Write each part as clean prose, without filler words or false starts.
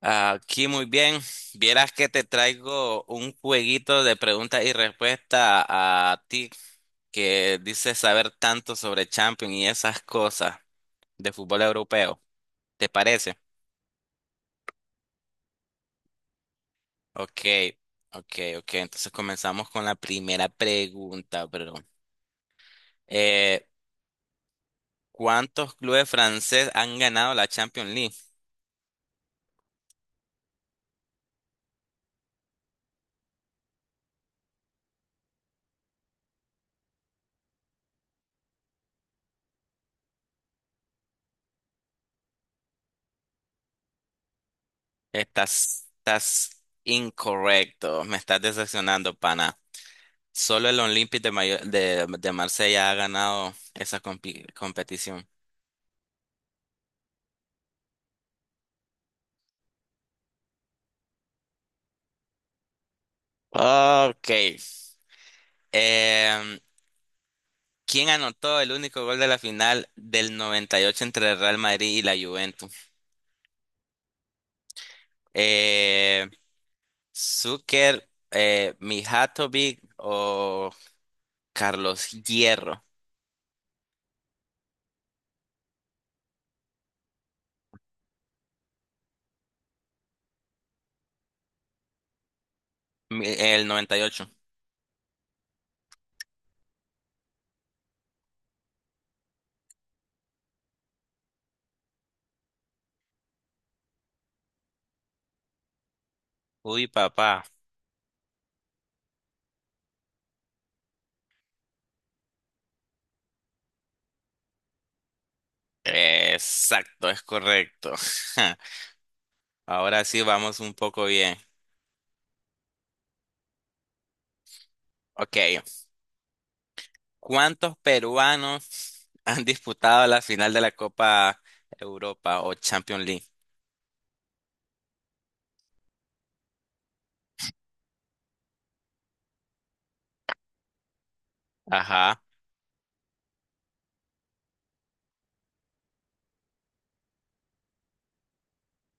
Aquí muy bien. Vieras que te traigo un jueguito de preguntas y respuestas a ti que dices saber tanto sobre Champions y esas cosas de fútbol europeo. ¿Te parece? Ok, ok, ok. Entonces comenzamos con la primera pregunta, bro. Eh, ¿Cuántos clubes franceses han ganado la Champions League? Estás incorrecto. Me estás decepcionando, pana. Solo el Olympique de Marsella ha ganado esa competición. Ok. Em, ¿Quién anotó el único gol de la final del 98 entre el Real Madrid y la Juventus? Eh, Zucker, Mijatovic o Carlos Hierro. El 98. Uy, papá. Exacto, es correcto. Ahora sí vamos un poco bien. Ok. ¿Cuántos peruanos han disputado la final de la Copa Europa o Champions League? Ajá,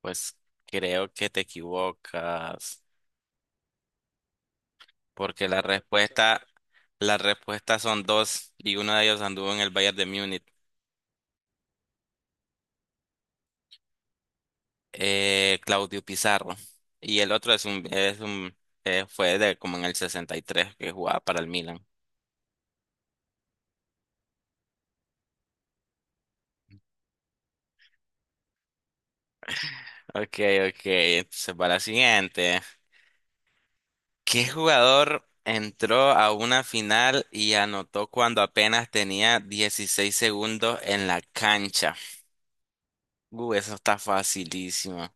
pues creo que te equivocas, porque la respuesta son dos y uno de ellos anduvo en el Bayern de Múnich, Claudio Pizarro, y el otro es un, fue de como en el 63 que jugaba para el Milan. Ok, ok, entonces va la siguiente. ¿Qué jugador entró a una final y anotó cuando apenas tenía 16 segundos en la cancha? Eso está facilísimo.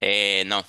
No,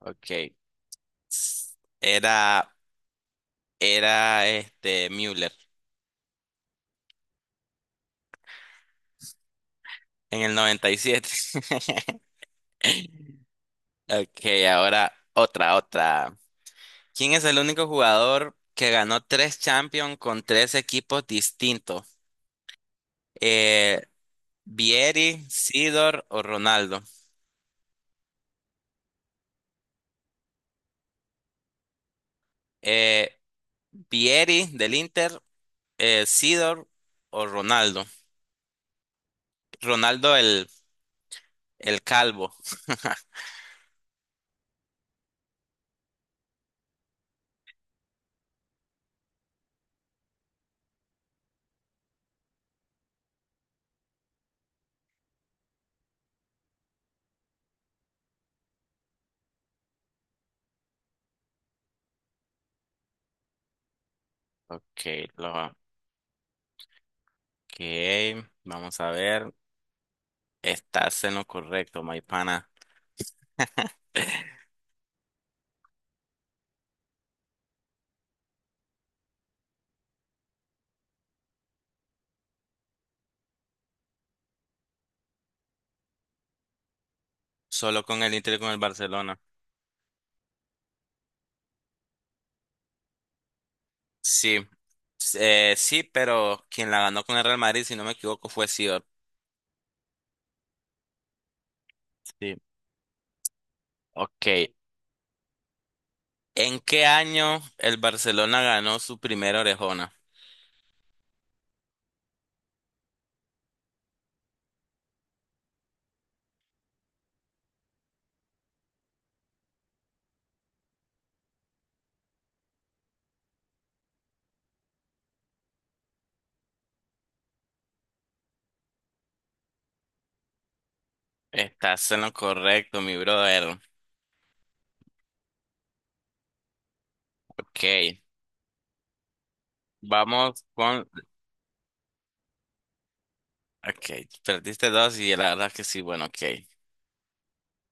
ok. S- Era, era este Müller en el 97. Ok, ahora otra, otra. ¿Quién es el único jugador que ganó tres Champions con tres equipos distintos? Eh, Vieri, Sidor o Ronaldo. Eh, Vieri del Inter, Sidor o Ronaldo. Ronaldo el calvo. Ok, lo, ok, vamos a ver. Estás en lo correcto, Maipana. Solo con el Inter y con el Barcelona. Sí, sí, pero quien la ganó con el Real Madrid, si no me equivoco, fue Sidor. Sí, ok. ¿En qué año el Barcelona ganó su primera orejona? Estás en lo correcto, mi brother. Ok. Vamos con... Ok, perdiste dos y la verdad que sí, bueno, ok.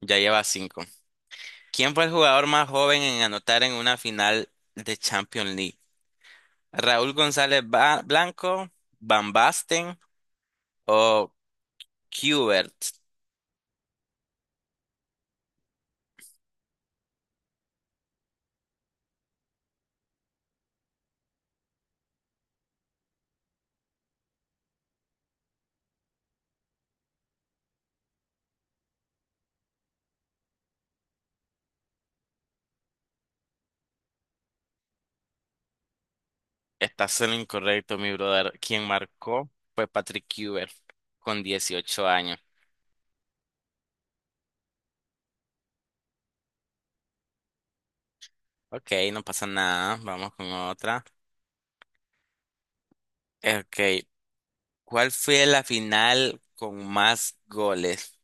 Ya lleva cinco. ¿Quién fue el jugador más joven en anotar en una final de Champions League? ¿Raúl González Blanco, Van Basten o Kubert? Estás en lo incorrecto, mi brother. Quien marcó fue Patrick Kubert con 18 años. Ok, no pasa nada. Vamos con otra. Ok, ¿cuál fue la final con más goles?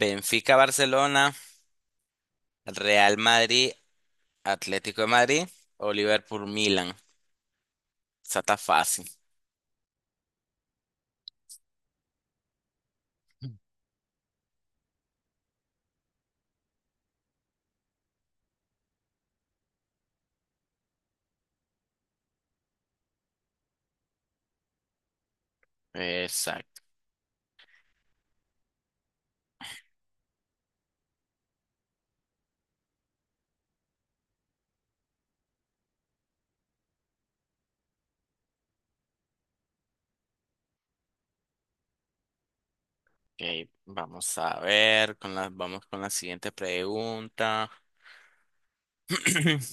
Benfica-Barcelona. Real Madrid, Atlético de Madrid o Liverpool, Milan. Esa está fácil. Exacto. Ok, vamos a ver, vamos con la siguiente pregunta.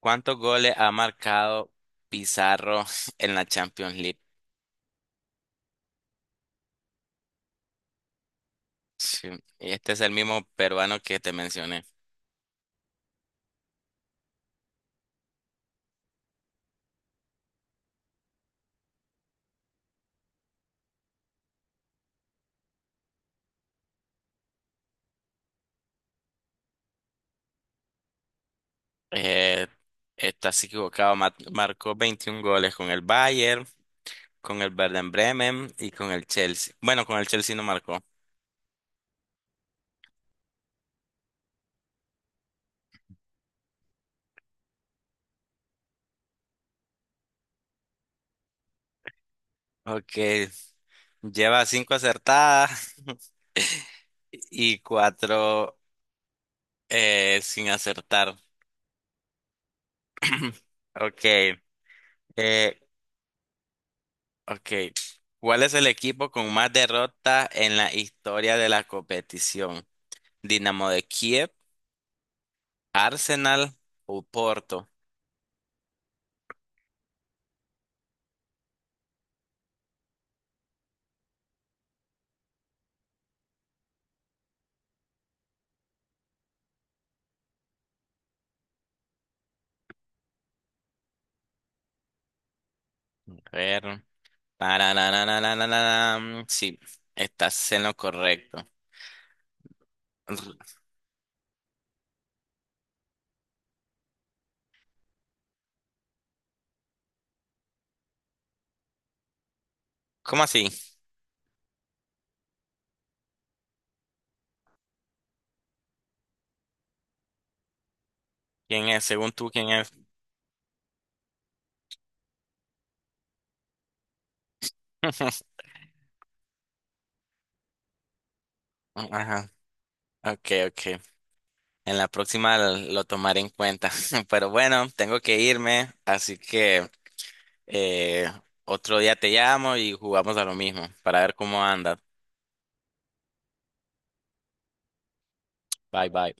¿Cuántos goles ha marcado Pizarro en la Champions League? Sí, este es el mismo peruano que te mencioné. Eh, estás equivocado. Marcó 21 goles con el Bayern, con el Werder Bremen y con el Chelsea. Bueno, con el Chelsea no marcó. Ok. Lleva cinco acertadas y cuatro sin acertar. Ok, eh, ok. ¿Cuál es el equipo con más derrotas en la historia de la competición? ¿Dinamo de Kiev, Arsenal o Porto? A ver. Tarararararararam. Sí, estás en lo correcto. ¿Cómo así? ¿Quién es? Según tú, ¿quién es? Ajá. Ok, ok. En la próxima lo tomaré en cuenta. Pero bueno, tengo que irme, así que eh, otro día te llamo y jugamos a lo mismo para ver cómo anda. Bye bye.